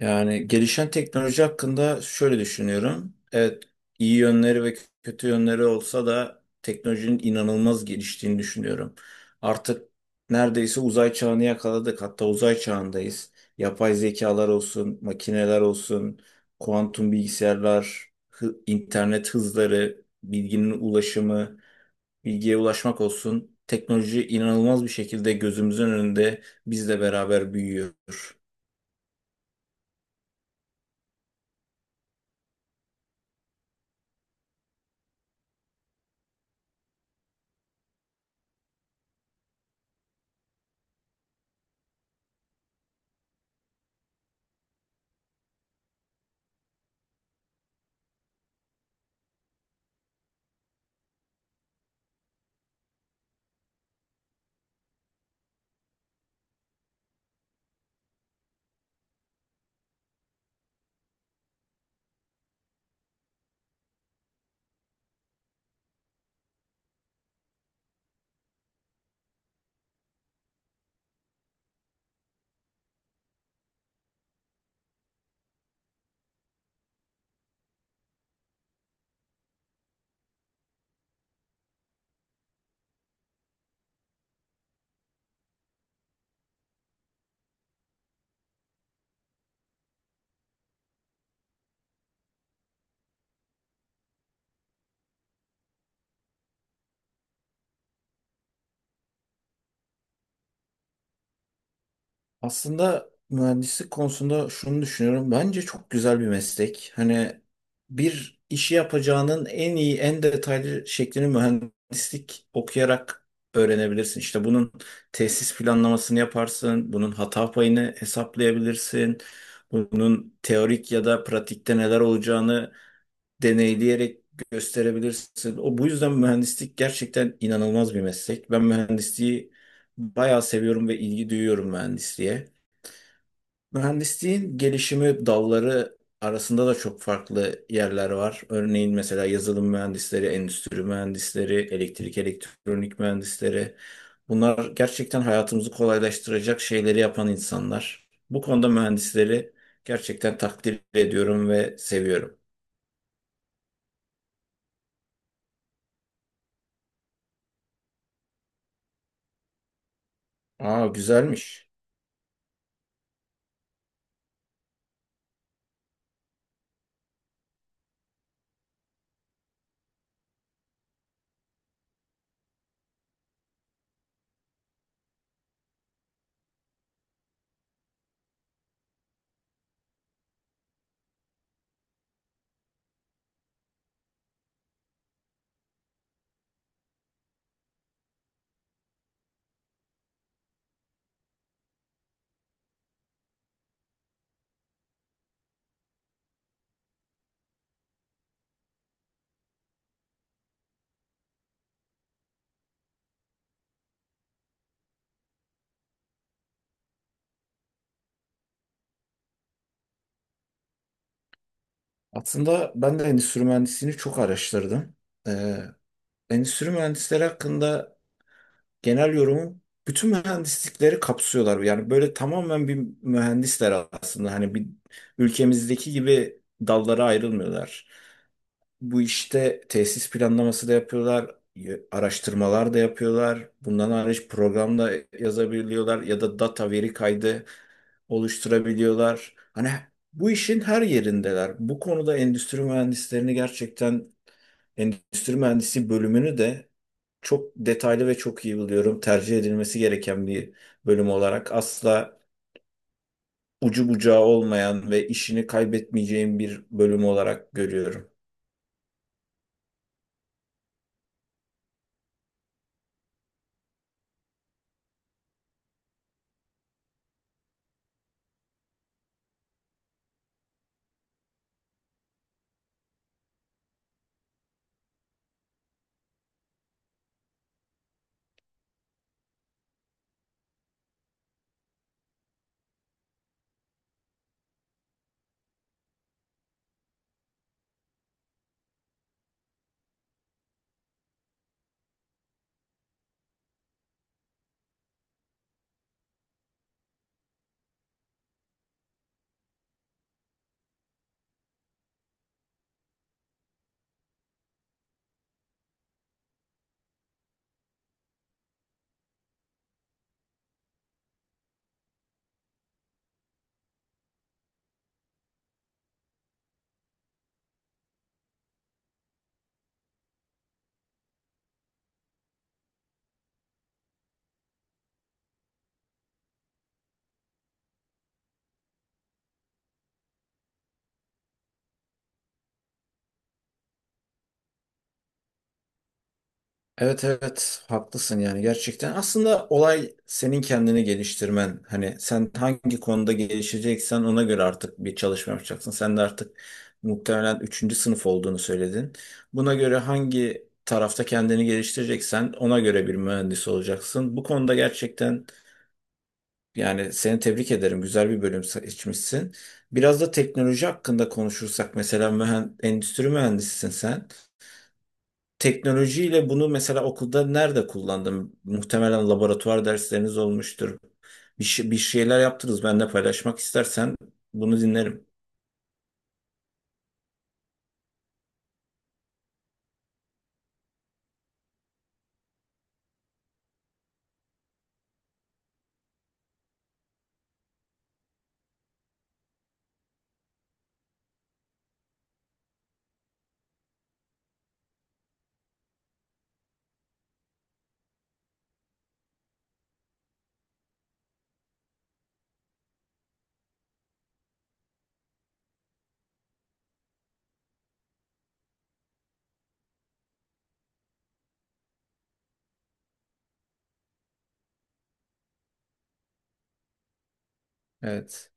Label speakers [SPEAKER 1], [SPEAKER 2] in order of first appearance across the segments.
[SPEAKER 1] Yani gelişen teknoloji hakkında şöyle düşünüyorum. Evet, iyi yönleri ve kötü yönleri olsa da teknolojinin inanılmaz geliştiğini düşünüyorum. Artık neredeyse uzay çağını yakaladık. Hatta uzay çağındayız. Yapay zekalar olsun, makineler olsun, kuantum bilgisayarlar, internet hızları, bilginin ulaşımı, bilgiye ulaşmak olsun. Teknoloji inanılmaz bir şekilde gözümüzün önünde bizle beraber büyüyor. Aslında mühendislik konusunda şunu düşünüyorum. Bence çok güzel bir meslek. Hani bir işi yapacağının en iyi, en detaylı şeklini mühendislik okuyarak öğrenebilirsin. İşte bunun tesis planlamasını yaparsın, bunun hata payını hesaplayabilirsin, bunun teorik ya da pratikte neler olacağını deneyleyerek gösterebilirsin. O bu yüzden mühendislik gerçekten inanılmaz bir meslek. Ben mühendisliği bayağı seviyorum ve ilgi duyuyorum mühendisliğe. Mühendisliğin gelişimi dalları arasında da çok farklı yerler var. Örneğin mesela yazılım mühendisleri, endüstri mühendisleri, elektrik, elektronik mühendisleri. Bunlar gerçekten hayatımızı kolaylaştıracak şeyleri yapan insanlar. Bu konuda mühendisleri gerçekten takdir ediyorum ve seviyorum. Aa, güzelmiş. Aslında ben de endüstri mühendisliğini çok araştırdım. Ee, endüstri mühendisleri hakkında genel yorumu bütün mühendislikleri kapsıyorlar. Yani böyle tamamen bir mühendisler aslında. Hani bir ülkemizdeki gibi dallara ayrılmıyorlar. Bu işte tesis planlaması da yapıyorlar, araştırmalar da yapıyorlar. Bundan hariç program da yazabiliyorlar ya da data veri kaydı oluşturabiliyorlar. Hani bu işin her yerindeler. Bu konuda endüstri mühendislerini gerçekten endüstri mühendisi bölümünü de çok detaylı ve çok iyi buluyorum. Tercih edilmesi gereken bir bölüm olarak asla ucu bucağı olmayan ve işini kaybetmeyeceğim bir bölüm olarak görüyorum. Evet, evet, haklısın yani gerçekten. Aslında olay senin kendini geliştirmen. Hani sen hangi konuda gelişeceksen ona göre artık bir çalışma yapacaksın. Sen de artık muhtemelen üçüncü sınıf olduğunu söyledin. Buna göre hangi tarafta kendini geliştireceksen ona göre bir mühendis olacaksın. Bu konuda gerçekten yani seni tebrik ederim. Güzel bir bölüm seçmişsin. Biraz da teknoloji hakkında konuşursak mesela endüstri mühendisisin sen. Teknolojiyle bunu mesela okulda nerede kullandım? Muhtemelen laboratuvar dersleriniz olmuştur. Bir şeyler yaptınız. Benimle paylaşmak istersen bunu dinlerim. Evet.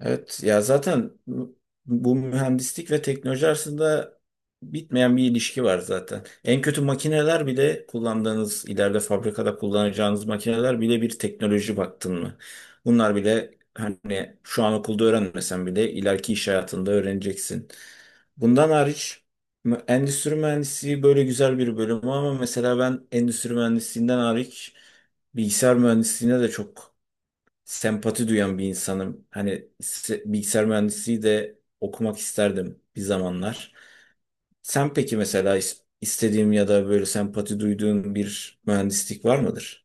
[SPEAKER 1] Evet ya, zaten bu mühendislik ve teknoloji arasında bitmeyen bir ilişki var zaten. En kötü makineler bile kullandığınız, ileride fabrikada kullanacağınız makineler bile bir teknoloji baktın mı? Bunlar bile hani şu an okulda öğrenmesen bile ileriki iş hayatında öğreneceksin. Bundan hariç endüstri mühendisliği böyle güzel bir bölüm ama mesela ben endüstri mühendisliğinden hariç bilgisayar mühendisliğine de çok sempati duyan bir insanım. Hani bilgisayar mühendisliği de okumak isterdim bir zamanlar. Sen peki mesela istediğim ya da böyle sempati duyduğun bir mühendislik var mıdır?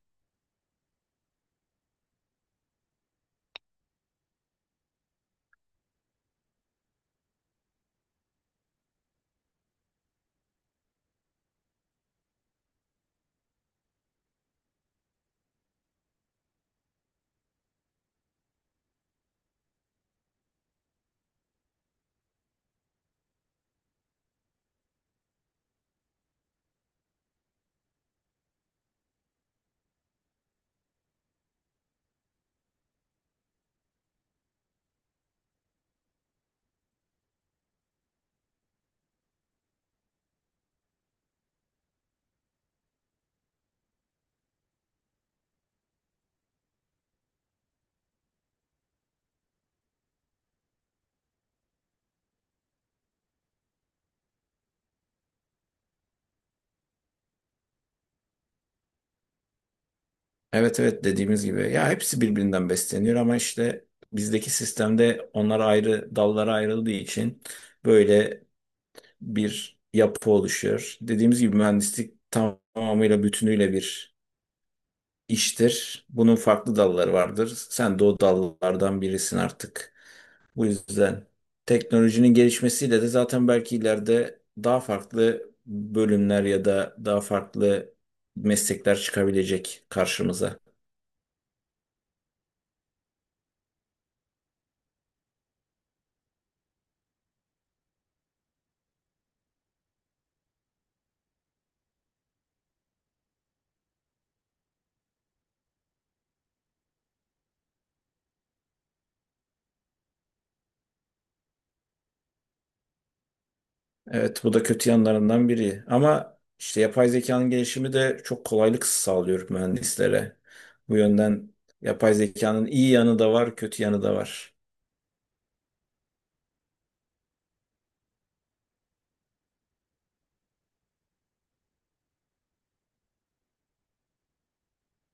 [SPEAKER 1] Evet, evet, dediğimiz gibi ya hepsi birbirinden besleniyor ama işte bizdeki sistemde onlar ayrı dallara ayrıldığı için böyle bir yapı oluşuyor. Dediğimiz gibi mühendislik tamamıyla bütünüyle bir iştir. Bunun farklı dalları vardır. Sen de o dallardan birisin artık. Bu yüzden teknolojinin gelişmesiyle de zaten belki ileride daha farklı bölümler ya da daha farklı meslekler çıkabilecek karşımıza. Evet, bu da kötü yanlarından biri. Ama işte yapay zekanın gelişimi de çok kolaylık sağlıyor mühendislere. Bu yönden yapay zekanın iyi yanı da var, kötü yanı da var.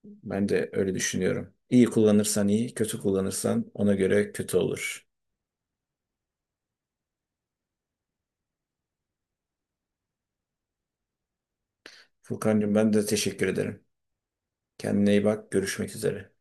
[SPEAKER 1] Ben de öyle düşünüyorum. İyi kullanırsan iyi, kötü kullanırsan ona göre kötü olur. Furkancığım, ben de teşekkür ederim. Kendine iyi bak, görüşmek üzere.